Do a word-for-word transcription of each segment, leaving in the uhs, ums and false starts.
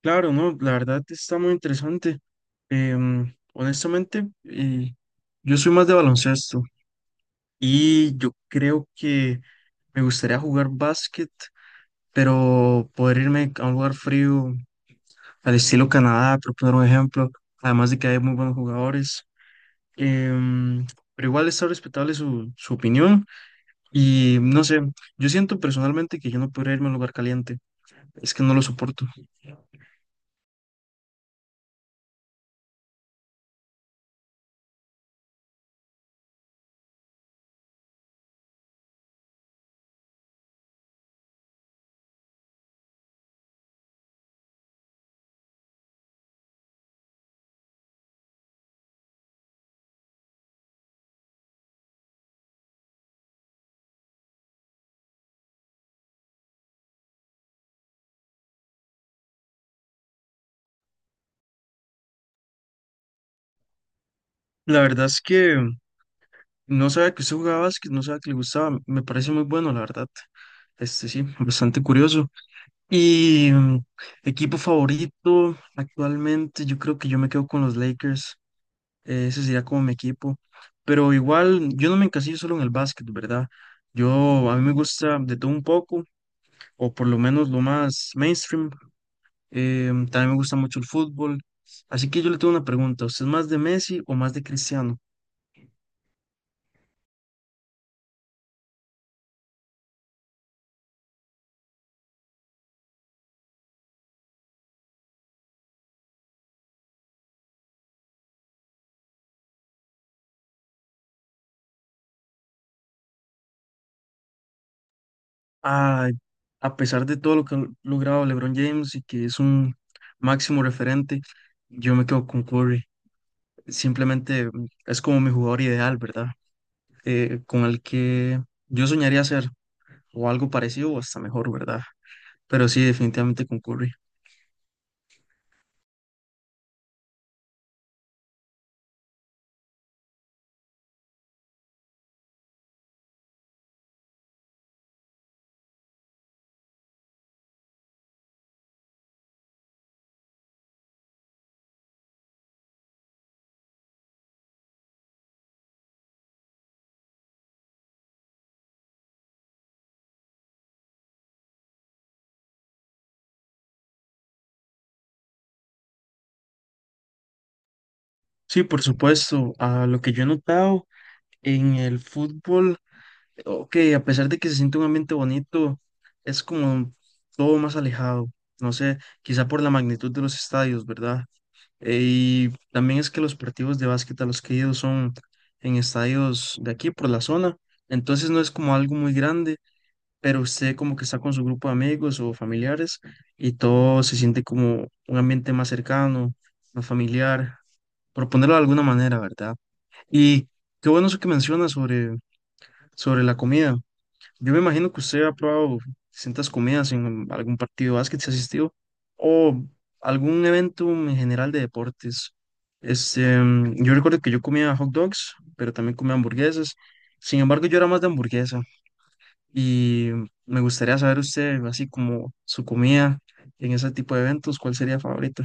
Claro, no, la verdad está muy interesante. Em, honestamente, eh, yo soy más de baloncesto y yo creo que me gustaría jugar básquet, pero poder irme a un lugar frío, al estilo Canadá, por poner un ejemplo, además de que hay muy buenos jugadores. Em, pero igual está respetable su, su opinión y no sé, yo siento personalmente que yo no podría irme a un lugar caliente, es que no lo soporto. La verdad es que No sabía que usted jugaba básquet, no sabía que le gustaba. Me parece muy bueno, la verdad. Este sí, bastante curioso. Y mm, Equipo favorito actualmente, yo creo que yo me quedo con los Lakers. Eh, ese sería como mi equipo. Pero igual, yo no me encasillo solo en el básquet, ¿verdad? Yo, a mí me gusta de todo un poco, o por lo menos lo más mainstream. Eh, también me gusta mucho el fútbol. Así que yo le tengo una pregunta. ¿Usted es más de Messi o más de Cristiano? a, a pesar de todo lo que ha logrado LeBron James y que es un máximo referente, yo me quedo con Curry. Simplemente mm, es como mi jugador ideal, ¿verdad? Eh, con el que yo soñaría ser o algo parecido o hasta mejor, ¿verdad? Pero sí, definitivamente con Curry. Sí, por supuesto. A lo que yo he notado en el fútbol, ok, a pesar de que se siente un ambiente bonito, es como todo más alejado. No sé, quizá por la magnitud de los estadios, ¿verdad? Eh, Y también es que los partidos de básquet a los que he ido son en estadios de aquí por la zona, entonces no es como algo muy grande, pero usted como que está con su grupo de amigos o familiares y todo se siente como un ambiente más cercano, más familiar, por ponerlo de alguna manera, ¿verdad? Y qué bueno eso que menciona sobre, sobre la comida. Yo me imagino que usted ha probado distintas comidas en algún partido de básquet si ha asistido o algún evento en general de deportes. Este, mm, yo recuerdo que yo comía hot dogs, pero también comía hamburguesas. Sin embargo, yo era más de hamburguesa y me gustaría saber usted, así como su comida en ese tipo de eventos, ¿cuál sería favorita?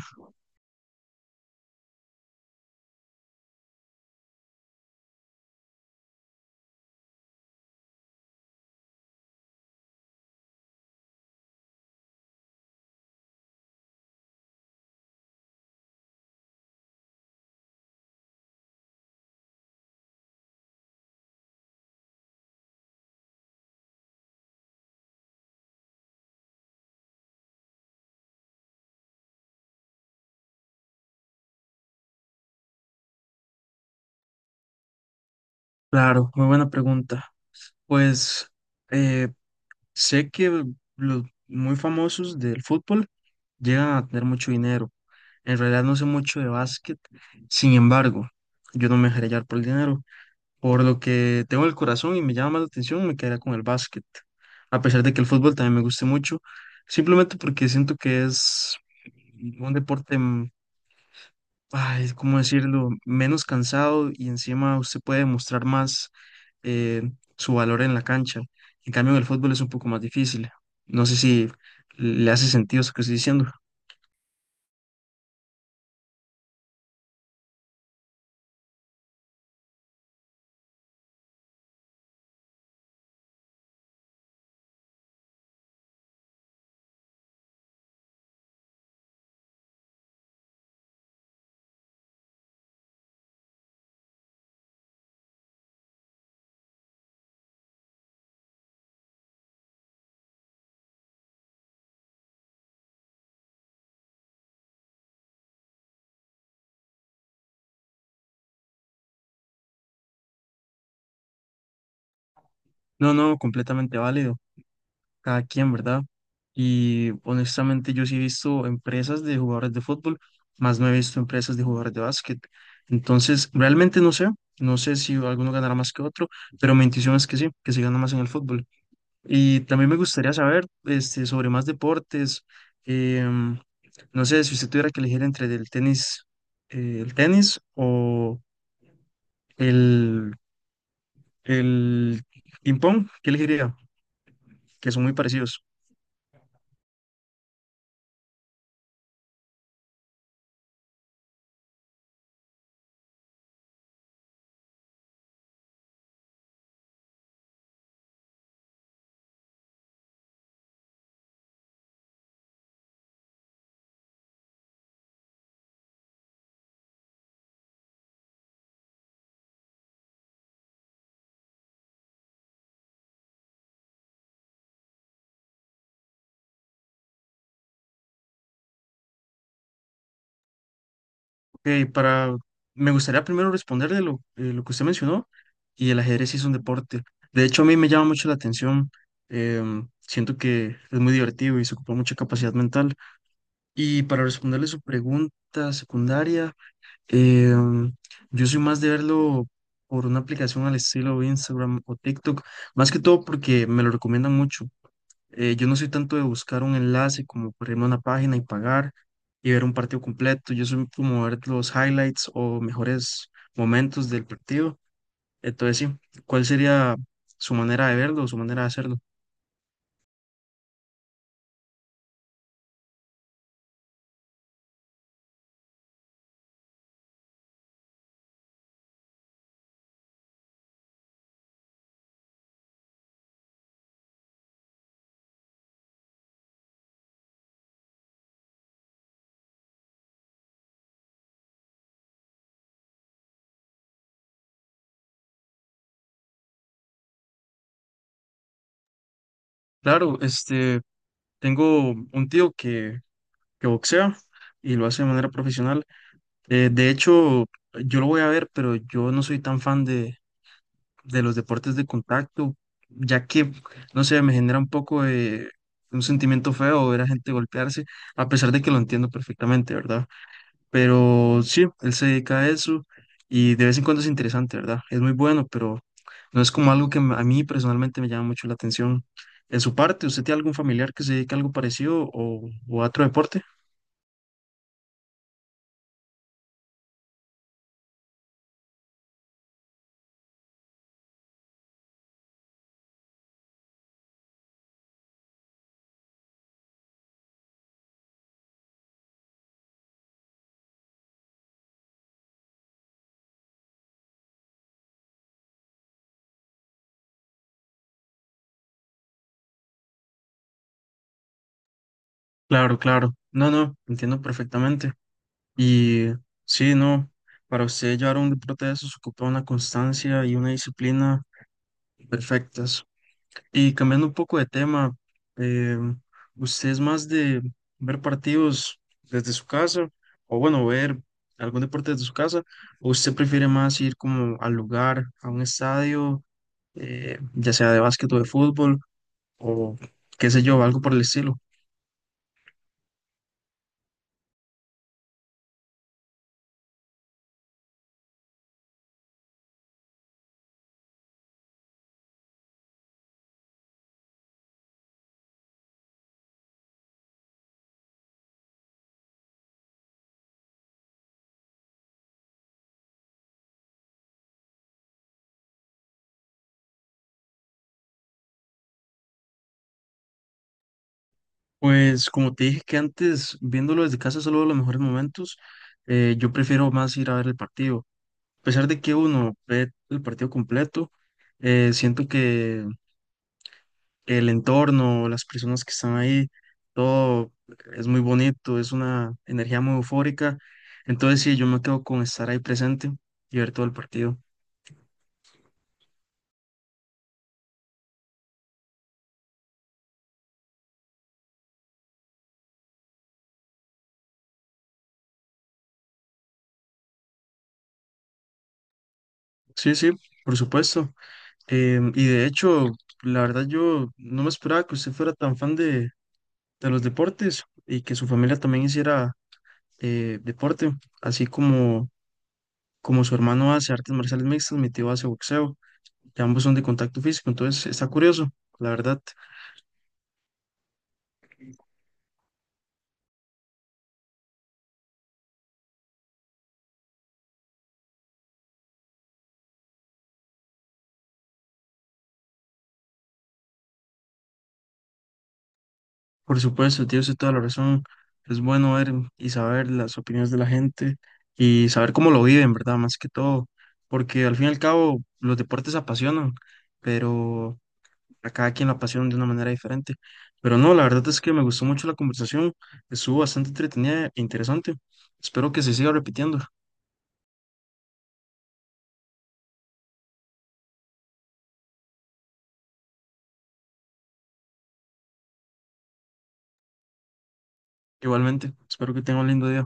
Claro, muy buena pregunta. Pues Sé que los muy famosos del fútbol llegan a tener mucho dinero. En realidad no sé mucho de básquet, sin embargo, yo no me dejaré llevar por el dinero. Por lo que tengo el corazón y me llama más la atención, me quedaría con el básquet. A pesar de que el fútbol también me guste mucho, simplemente porque siento que es un deporte, mm, ay, ¿cómo decirlo?, menos cansado y encima usted puede demostrar más eh, su valor en la cancha. En cambio, en el fútbol es un poco más difícil. No sé si le hace sentido eso que estoy diciendo. No, no, completamente válido. Cada quien, ¿verdad? Y honestamente yo sí he visto empresas de jugadores de fútbol, más no he visto empresas de jugadores de básquet. Entonces, realmente no sé, no sé si alguno ganará más que otro, pero mi intuición es que sí, que se gana más en el fútbol. Y también me gustaría saber este, sobre más deportes. em, No sé si usted tuviera que elegir entre el tenis, eh, el tenis o el, el ping-pong, ¿qué elegiría? Que son muy parecidos. Ok, para, Me gustaría primero responderle lo, eh, lo que usted mencionó, y el ajedrez sí es un deporte. De hecho, a mí me llama mucho la atención. Em, siento que es muy divertido y se ocupa mucha capacidad mental. Y para responderle su pregunta secundaria, Em, yo soy más de verlo por una aplicación al estilo Instagram o TikTok, más que todo porque me lo recomiendan mucho. Eh, yo no soy tanto de buscar un enlace como por irme a una página y pagar y ver un partido completo. Yo soy como ver los highlights o mejores momentos del partido. Entonces, sí, ¿cuál sería su manera de verlo o su manera de hacerlo? Claro, este, tengo un tío que, que boxea y lo hace de manera profesional. Eh, de hecho, yo lo voy a ver, pero yo no soy tan fan de, de los deportes de contacto, ya que, no sé, me genera un poco de un sentimiento feo ver a gente golpearse, a pesar de que lo entiendo perfectamente, ¿verdad? Pero sí, él se dedica a eso y de vez en cuando es interesante, ¿verdad? Es muy bueno, pero no es como algo que me- a mí personalmente me llama mucho la atención. En su parte, ¿usted tiene algún familiar que se dedique a algo parecido o, o a otro deporte? Claro, claro. No, no, entiendo perfectamente. Y sí, no, para usted llevar un deporte de esos ocupa una constancia y una disciplina perfectas. Y cambiando un poco de tema, eh, ¿usted es más de ver partidos desde su casa o bueno, ver algún deporte desde su casa? ¿O usted prefiere más ir como al lugar, a un estadio, eh, ya sea de básquet o de fútbol o qué sé yo, algo por el estilo? Pues como te dije que antes, viéndolo desde casa, solo los mejores momentos, eh, yo prefiero más ir a ver el partido. A pesar de que uno ve el partido completo, eh, siento que el entorno, las personas que están ahí, todo es muy bonito, es una energía muy eufórica. Entonces sí, yo me quedo con estar ahí presente y ver todo el partido. Sí, sí, por supuesto. Em, y de hecho, la verdad yo no me esperaba que usted fuera tan fan de los deportes y que su familia también hiciera eh, deporte, así como, como su hermano hace artes marciales mixtas, mi tío hace boxeo, y ambos son de contacto físico, entonces está curioso, la verdad. Por supuesto, tío, tiene toda la razón. Es bueno ver y saber las opiniones de la gente y saber cómo lo viven, ¿verdad? Más que todo, porque al fin y al cabo los deportes apasionan, pero a cada quien la pasión de una manera diferente. Pero no, la verdad es que me gustó mucho la conversación, estuvo bastante entretenida e interesante. Espero que se siga repitiendo. Igualmente, espero que tenga un lindo día.